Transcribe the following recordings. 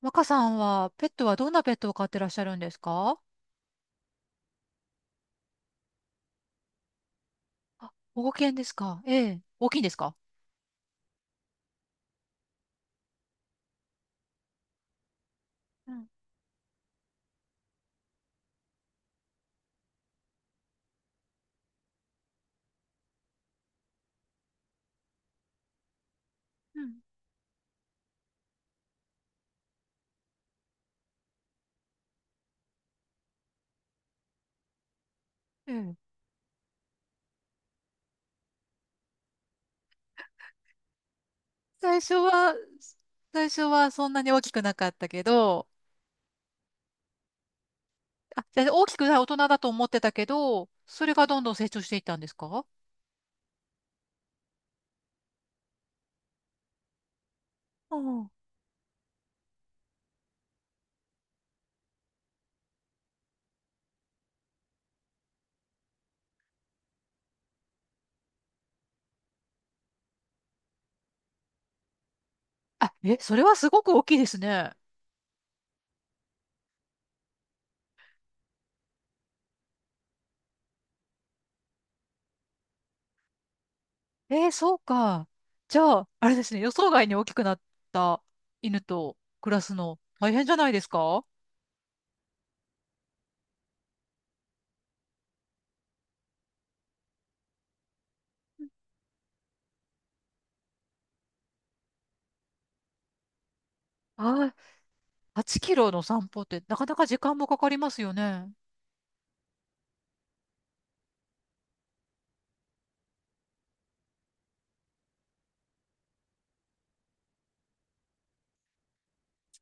若さんは、ペットはどんなペットを飼ってらっしゃるんですか？あ、保護犬ですか？ええ。大きいんですか？うん。うん。ええ。最初は、最初はそんなに大きくなかったけど、あ、じゃあ大きくない大人だと思ってたけど、それがどんどん成長していったんですか？うん。あ、え、それはすごく大きいですね。ええ、そうか。じゃあ、あれですね、予想外に大きくなった犬と暮らすの大変じゃないですか？ああ、8キロの散歩ってなかなか時間もかかりますよね。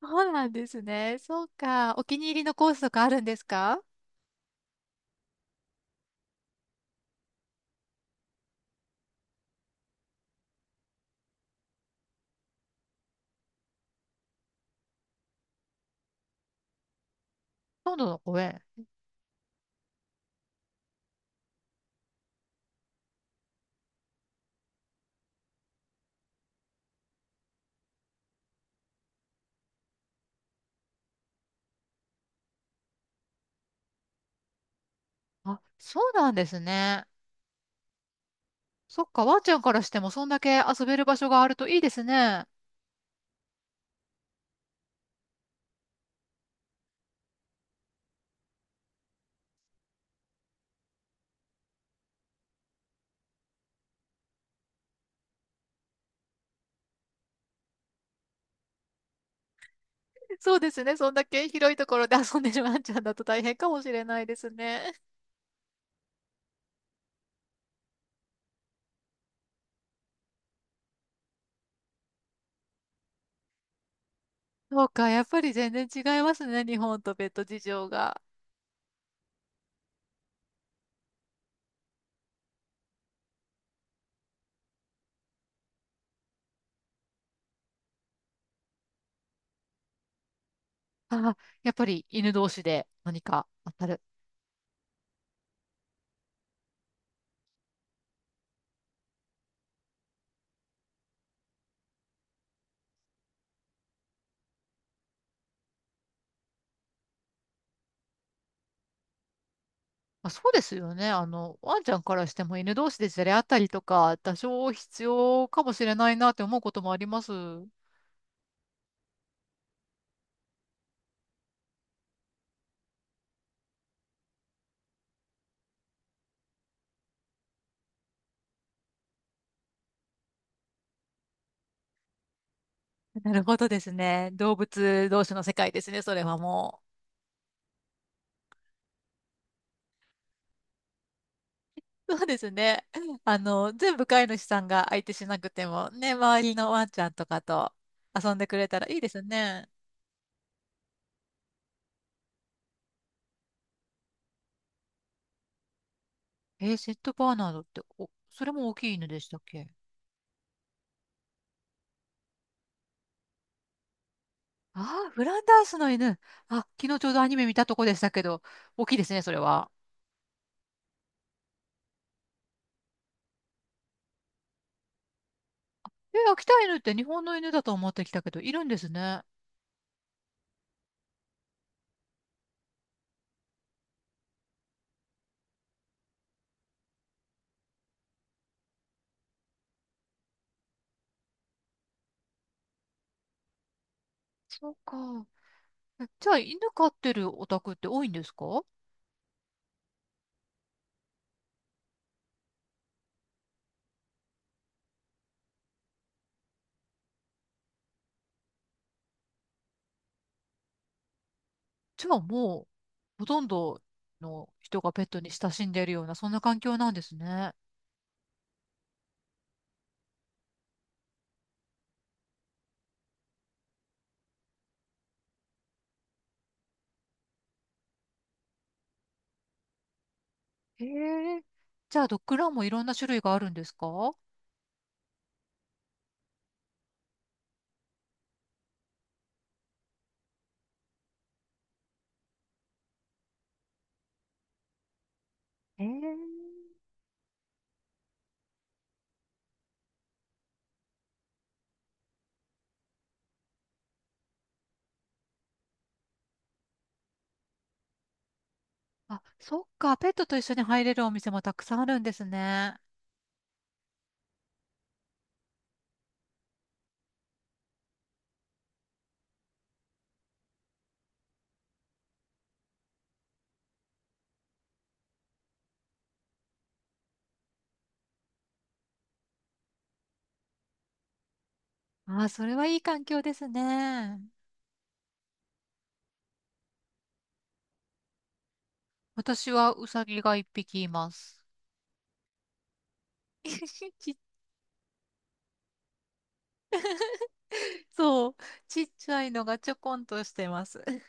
そうなんですね。そうか。お気に入りのコースとかあるんですか？今度の公園。あ、そうなんですね。そっか、ワンちゃんからしてもそんだけ遊べる場所があるといいですね。そうですね。そんだけ広いところで遊んでるワンちゃんだと大変かもしれないですね。そうか。やっぱり全然違いますね。日本とペット事情が。あ、やっぱり犬同士で何か当たる、まあ、そうですよね。あの、ワンちゃんからしても犬同士でじゃれ合ったりとか、多少必要かもしれないなって思うこともあります。なるほどですね。動物同士の世界ですね、それはもう。そうですね。あの、全部飼い主さんが相手しなくても、ね、周りのワンちゃんとかと遊んでくれたらいいですね。えー、セットバーナードって、お、それも大きい犬でしたっけ？ああー、フランダースの犬。あ、昨日ちょうどアニメ見たとこでしたけど、大きいですね、それは。え、秋田犬って日本の犬だと思ってきたけど、いるんですね。そうか。え、じゃあ、犬飼ってるお宅って多いんですか？じゃあもう、ほとんどの人がペットに親しんでいるような、そんな環境なんですね。へえ。じゃあ、ドッグランもいろんな種類があるんですか？へえ。あ、そっか。ペットと一緒に入れるお店もたくさんあるんですね。ああ、それはいい環境ですね。私はウサギが一匹います。ちっそう。ちっちゃいのがちょこんとしてます。いや、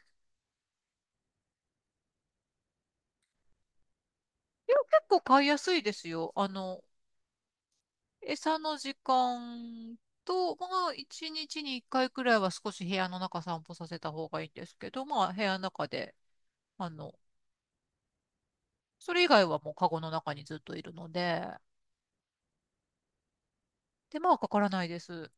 結構買いやすいですよ。あの、餌の時間と、まあ、1日に1回くらいは少し部屋の中散歩させた方がいいんですけど、まあ、部屋の中で、あの、それ以外はもうカゴの中にずっといるので、手間はかからないです。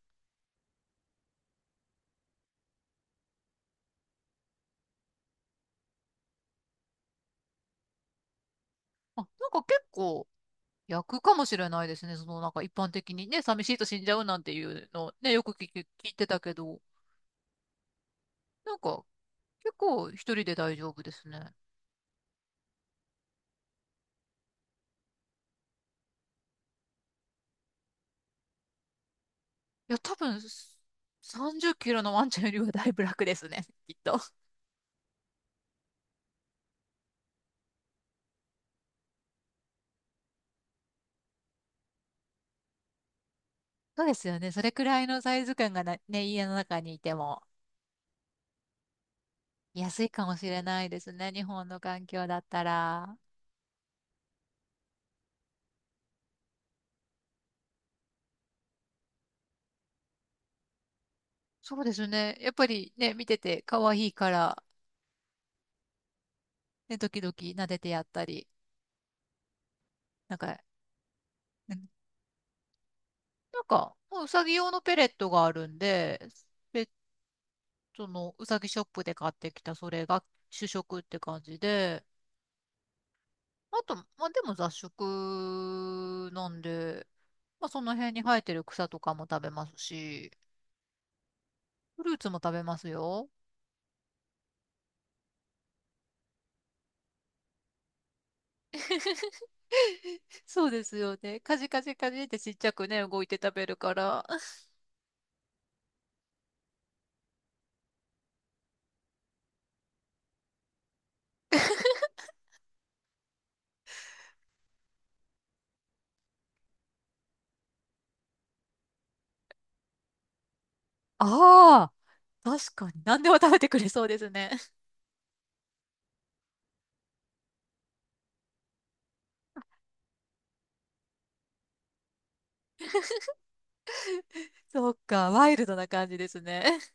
あ、なんか結構役かもしれないですね。その、なんか一般的にね、寂しいと死んじゃうなんていうのね、よく聞いてたけど、なんか結構一人で大丈夫ですね。いや、多分、30キロのワンちゃんよりはだいぶ楽ですね、きっと。そうですよね。それくらいのサイズ感がな、ね、家の中にいても安いかもしれないですね。日本の環境だったら。そうですね。やっぱりね、見てて可愛いから、ね、時々撫でてやったり。なんか、うんなんか、もううさぎ用のペレットがあるんで、ペットのうさぎショップで買ってきたそれが主食って感じで、あと、まあでも雑食なんで、まあその辺に生えてる草とかも食べますし、フルーツも食べますよ。そうですよね。カジカジカジってちっちゃくね、動いて食べるから。ああ、確かに。何でも食べてくれそうですね。そっか、ワイルドな感じですね。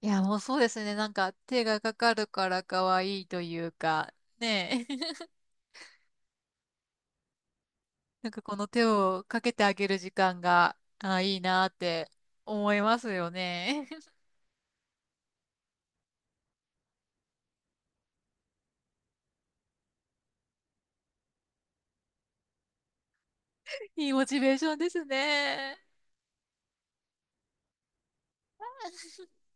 いや、もうそうですね。なんか手がかかるから可愛いというか、ねえ。なんかこの手をかけてあげる時間が、あ、いいなって思いますよね。いいモチベーションですね。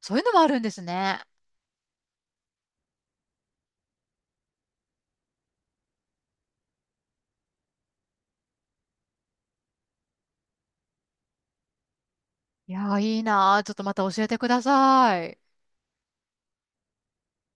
そういうのもあるんですね。いやー、いいなー。ちょっとまた教えてください。